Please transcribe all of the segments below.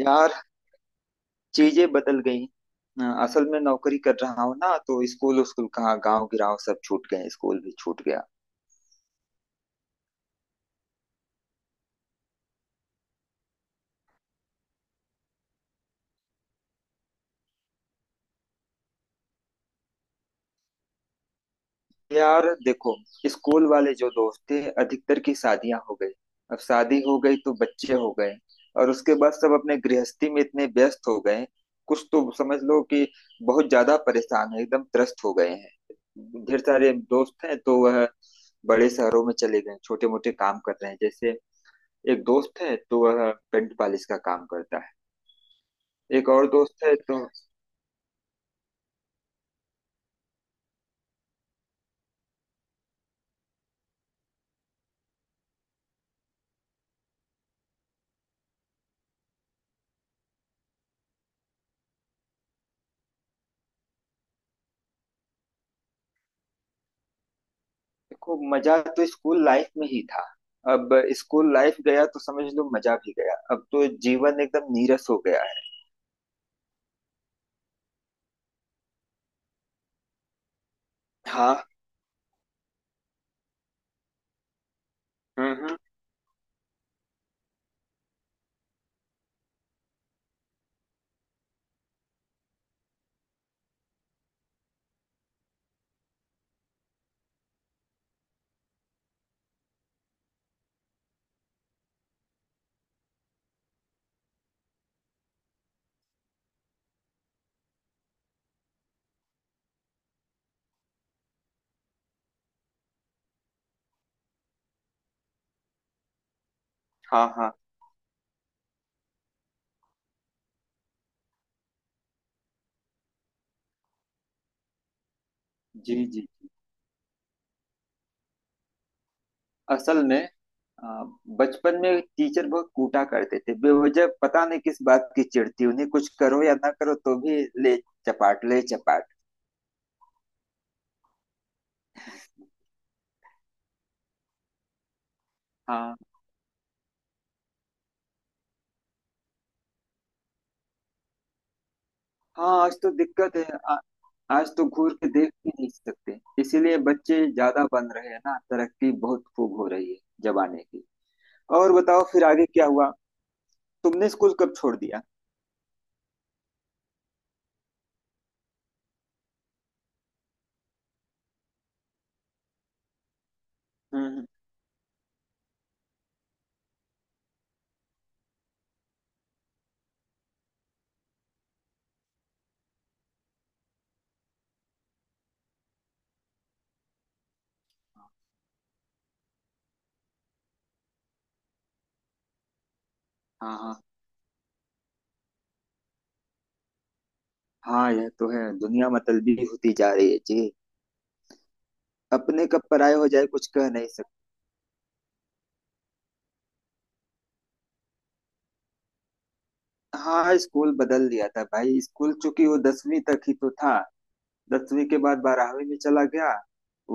यार, चीजें बदल गई। असल में नौकरी कर रहा हूँ ना, तो स्कूल स्कूल कहाँ, गांव गिराव सब छूट गए, स्कूल भी छूट गया। यार देखो, स्कूल वाले जो दोस्त थे, अधिकतर की शादियां हो गई। अब शादी हो गई तो बच्चे हो गए। और उसके बाद सब अपने गृहस्थी में इतने व्यस्त हो गए, कुछ तो समझ लो कि बहुत ज्यादा परेशान है, एकदम त्रस्त हो गए हैं। ढेर सारे दोस्त हैं तो वह बड़े शहरों में चले गए, छोटे मोटे काम कर रहे हैं। जैसे एक दोस्त है तो वह पेंट पॉलिश का काम करता है। एक और दोस्त है तो देखो, मजा तो स्कूल लाइफ में ही था। अब स्कूल लाइफ गया तो समझ लो मजा भी गया, अब तो जीवन एकदम नीरस हो गया है। हाँ। हम्म, हम्म। हाँ, हाँ। जी जी जी। असल में आ, बचपन में टीचर बहुत कूटा करते थे बेवजह। पता नहीं किस बात की चिढ़ती उन्हें, कुछ करो या ना करो तो भी ले चपाट ले चपाट। हाँ हाँ, आज तो दिक्कत है। आ, आज तो घूर के देख भी नहीं सकते, इसीलिए बच्चे ज्यादा बन रहे हैं ना, तरक्की बहुत खूब हो रही है जमाने की। और बताओ, फिर आगे क्या हुआ? तुमने स्कूल कब छोड़ दिया? हम्म, हम्म। हाँ हाँ। हाँ, यह तो है, दुनिया मतलबी होती जा रही है जी। अपने कब पराये हो जाए कुछ कह नहीं सकते। हाँ, स्कूल बदल दिया था भाई। स्कूल चूंकि वो दसवीं तक ही तो था, दसवीं के बाद बारहवीं में चला गया।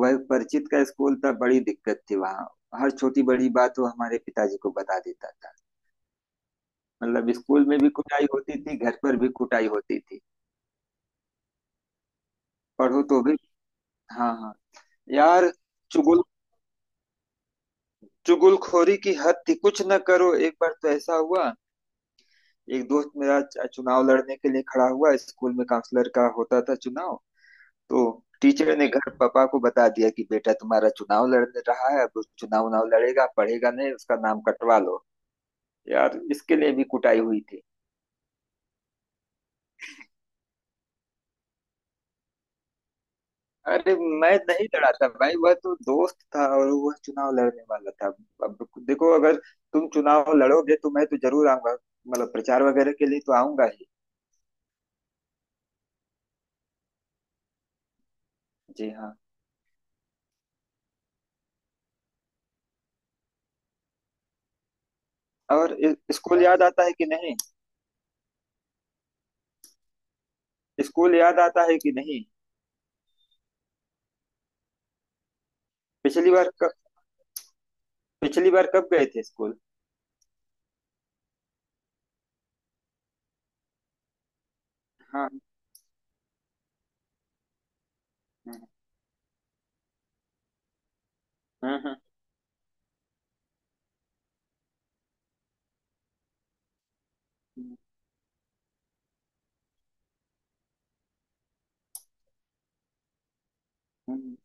वह परिचित का स्कूल था, बड़ी दिक्कत थी वहाँ। हर छोटी बड़ी बात वो हमारे पिताजी को बता देता था। मतलब स्कूल में भी कुटाई होती थी, घर पर भी कुटाई होती थी। पढ़ो तो भी। हाँ हाँ। यार चुगुल, चुगलखोरी की हद थी। कुछ न करो, एक बार तो ऐसा हुआ, एक दोस्त मेरा चुनाव लड़ने के लिए खड़ा हुआ स्कूल में, काउंसलर का होता था चुनाव। तो टीचर ने घर पापा को बता दिया कि बेटा तुम्हारा चुनाव लड़ रहा है, अब वो चुनाव उनाव लड़ेगा, पढ़ेगा नहीं, उसका नाम कटवा लो। यार, इसके लिए भी कुटाई हुई थी। अरे, मैं नहीं लड़ा था भाई, वह तो दोस्त था और वह चुनाव लड़ने वाला था। अब देखो, अगर तुम चुनाव लड़ोगे तो मैं तो जरूर आऊंगा, मतलब प्रचार वगैरह के लिए तो आऊंगा ही। जी हाँ। और स्कूल याद आता है कि नहीं? स्कूल याद आता है कि नहीं? पिछली बार कब, पिछली बार कब गए थे स्कूल? हाँ हाँ। हाँ हाँ, हाँ, हाँ।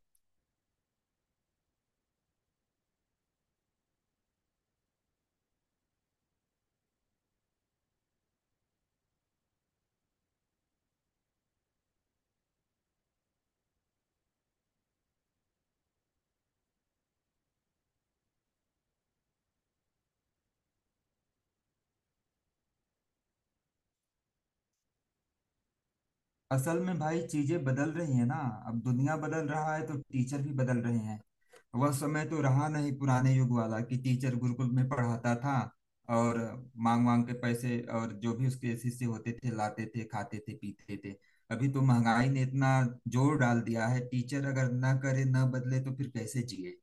असल में भाई चीजें बदल रही हैं ना। अब दुनिया बदल रहा है तो टीचर भी बदल रहे हैं। वह समय तो रहा नहीं पुराने युग वाला कि टीचर गुरुकुल में पढ़ाता था और मांग मांग के पैसे, और जो भी उसके शिष्य होते थे लाते थे, खाते थे पीते थे। अभी तो महंगाई ने इतना जोर डाल दिया है, टीचर अगर ना करे, ना बदले तो फिर कैसे जिए?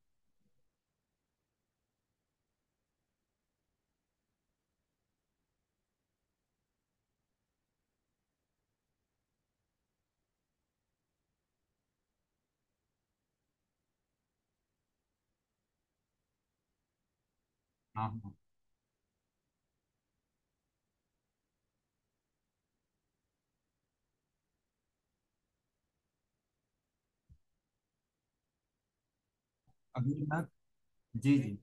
हाँ हाँ। अभी ना। जी जी।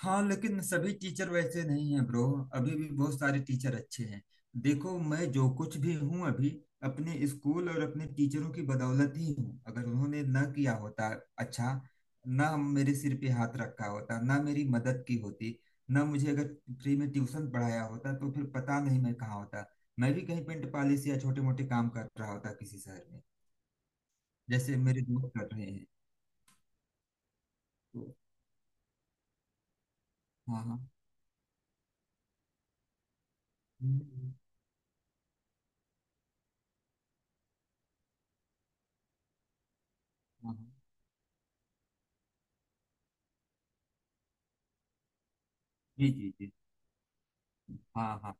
हाँ लेकिन सभी टीचर वैसे नहीं हैं ब्रो, अभी भी बहुत सारे टीचर अच्छे हैं। देखो, मैं जो कुछ भी हूँ अभी, अपने स्कूल और अपने टीचरों की बदौलत ही हूँ। अगर उन्होंने ना किया होता, अच्छा, ना मेरे सिर पे हाथ रखा होता, ना मेरी मदद की होती, ना मुझे अगर फ्री में ट्यूशन पढ़ाया होता, तो फिर पता नहीं मैं कहाँ होता। मैं भी कहीं पेंट पॉलिश या छोटे मोटे काम कर रहा होता किसी शहर में, जैसे मेरे दोस्त कर रहे हैं। तो हाँ हाँ। हम्म। हाँ, हाँ। जी जी जी। हाँ हाँ।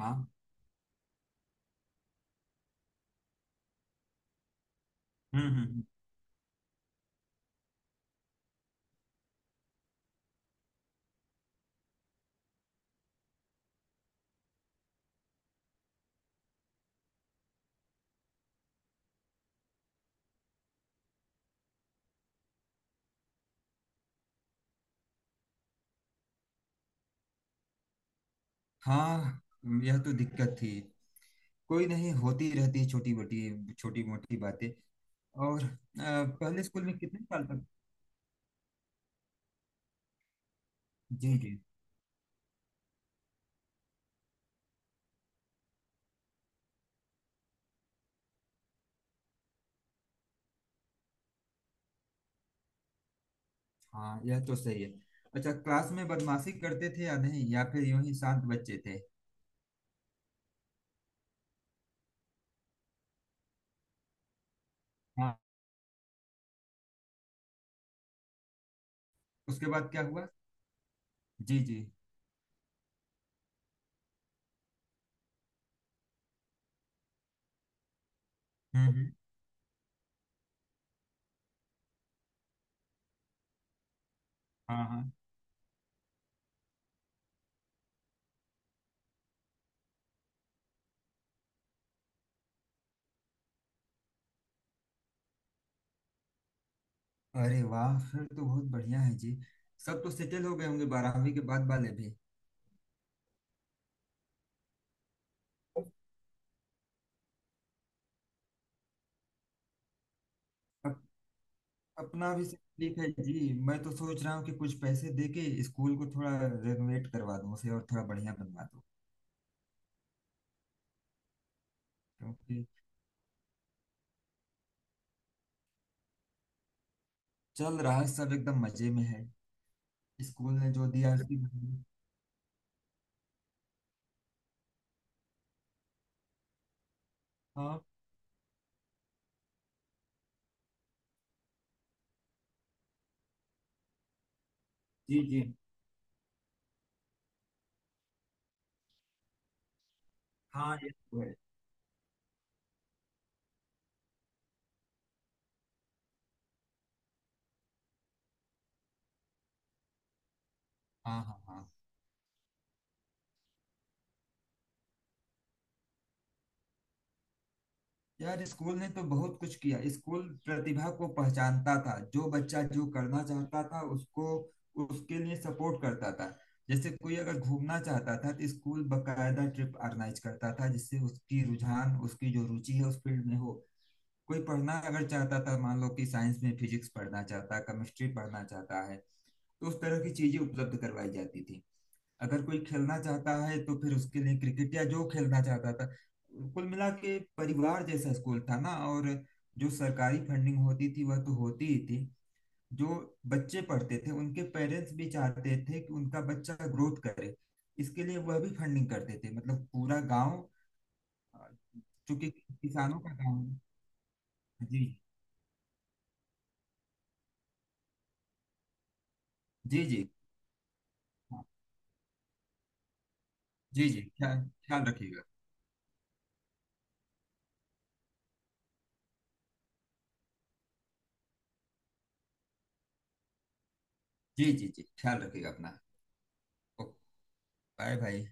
हाँ हम्म, हम्म, हाँ, यह तो दिक्कत थी। कोई नहीं, होती रहती है छोटी मोटी बातें। और पहले स्कूल में कितने साल तक? जी जी। हाँ, यह तो सही है। अच्छा, क्लास में बदमाशी करते थे या नहीं, या फिर यूं ही शांत बच्चे थे? हाँ, उसके बाद क्या हुआ? जी जी। हम्म, हम्म। हाँ हाँ। अरे वाह, फिर तो बहुत बढ़िया है जी। सब तो सेटल हो गए होंगे बारहवीं के बाद वाले भी। अपना भी सेम तकलीफ है जी। मैं तो सोच रहा हूँ कि कुछ पैसे दे के स्कूल को थोड़ा रेनोवेट करवा दूँ उसे, और थोड़ा बढ़िया बनवा दूँ, क्योंकि चल रहा है सब, एकदम मजे में है। स्कूल ने जो दिया उसी में- हाँ। जी जी। हाँ, ये तो है। हाँ हाँ हाँ। यार स्कूल ने तो बहुत कुछ किया। स्कूल प्रतिभा को पहचानता था। जो बच्चा जो करना चाहता था, उसको उसके लिए सपोर्ट करता था। जैसे कोई अगर घूमना चाहता था तो स्कूल बकायदा ट्रिप ऑर्गेनाइज करता था, जिससे उसकी रुझान, उसकी जो रुचि है उस फील्ड में हो। कोई पढ़ना अगर चाहता था, मान लो कि साइंस में फिजिक्स पढ़ना चाहता, केमिस्ट्री पढ़ना चाहता है, तो उस तरह की चीजें उपलब्ध करवाई जाती थी। अगर कोई खेलना चाहता है तो फिर उसके लिए क्रिकेट, या जो खेलना चाहता था। कुल मिला के परिवार जैसा स्कूल था ना। और जो सरकारी फंडिंग होती थी वह तो होती ही थी। जो बच्चे पढ़ते थे उनके पेरेंट्स भी चाहते थे कि उनका बच्चा ग्रोथ करे, इसके लिए वह भी फंडिंग करते थे। मतलब पूरा गांव, अ, चूंकि किसानों का गांव है। जी जी जी। हाँ। जी जी, ख्याल, ख्याल रखिएगा। जी जी जी, ख्याल रखिएगा अपना। ओके। बाय भाई।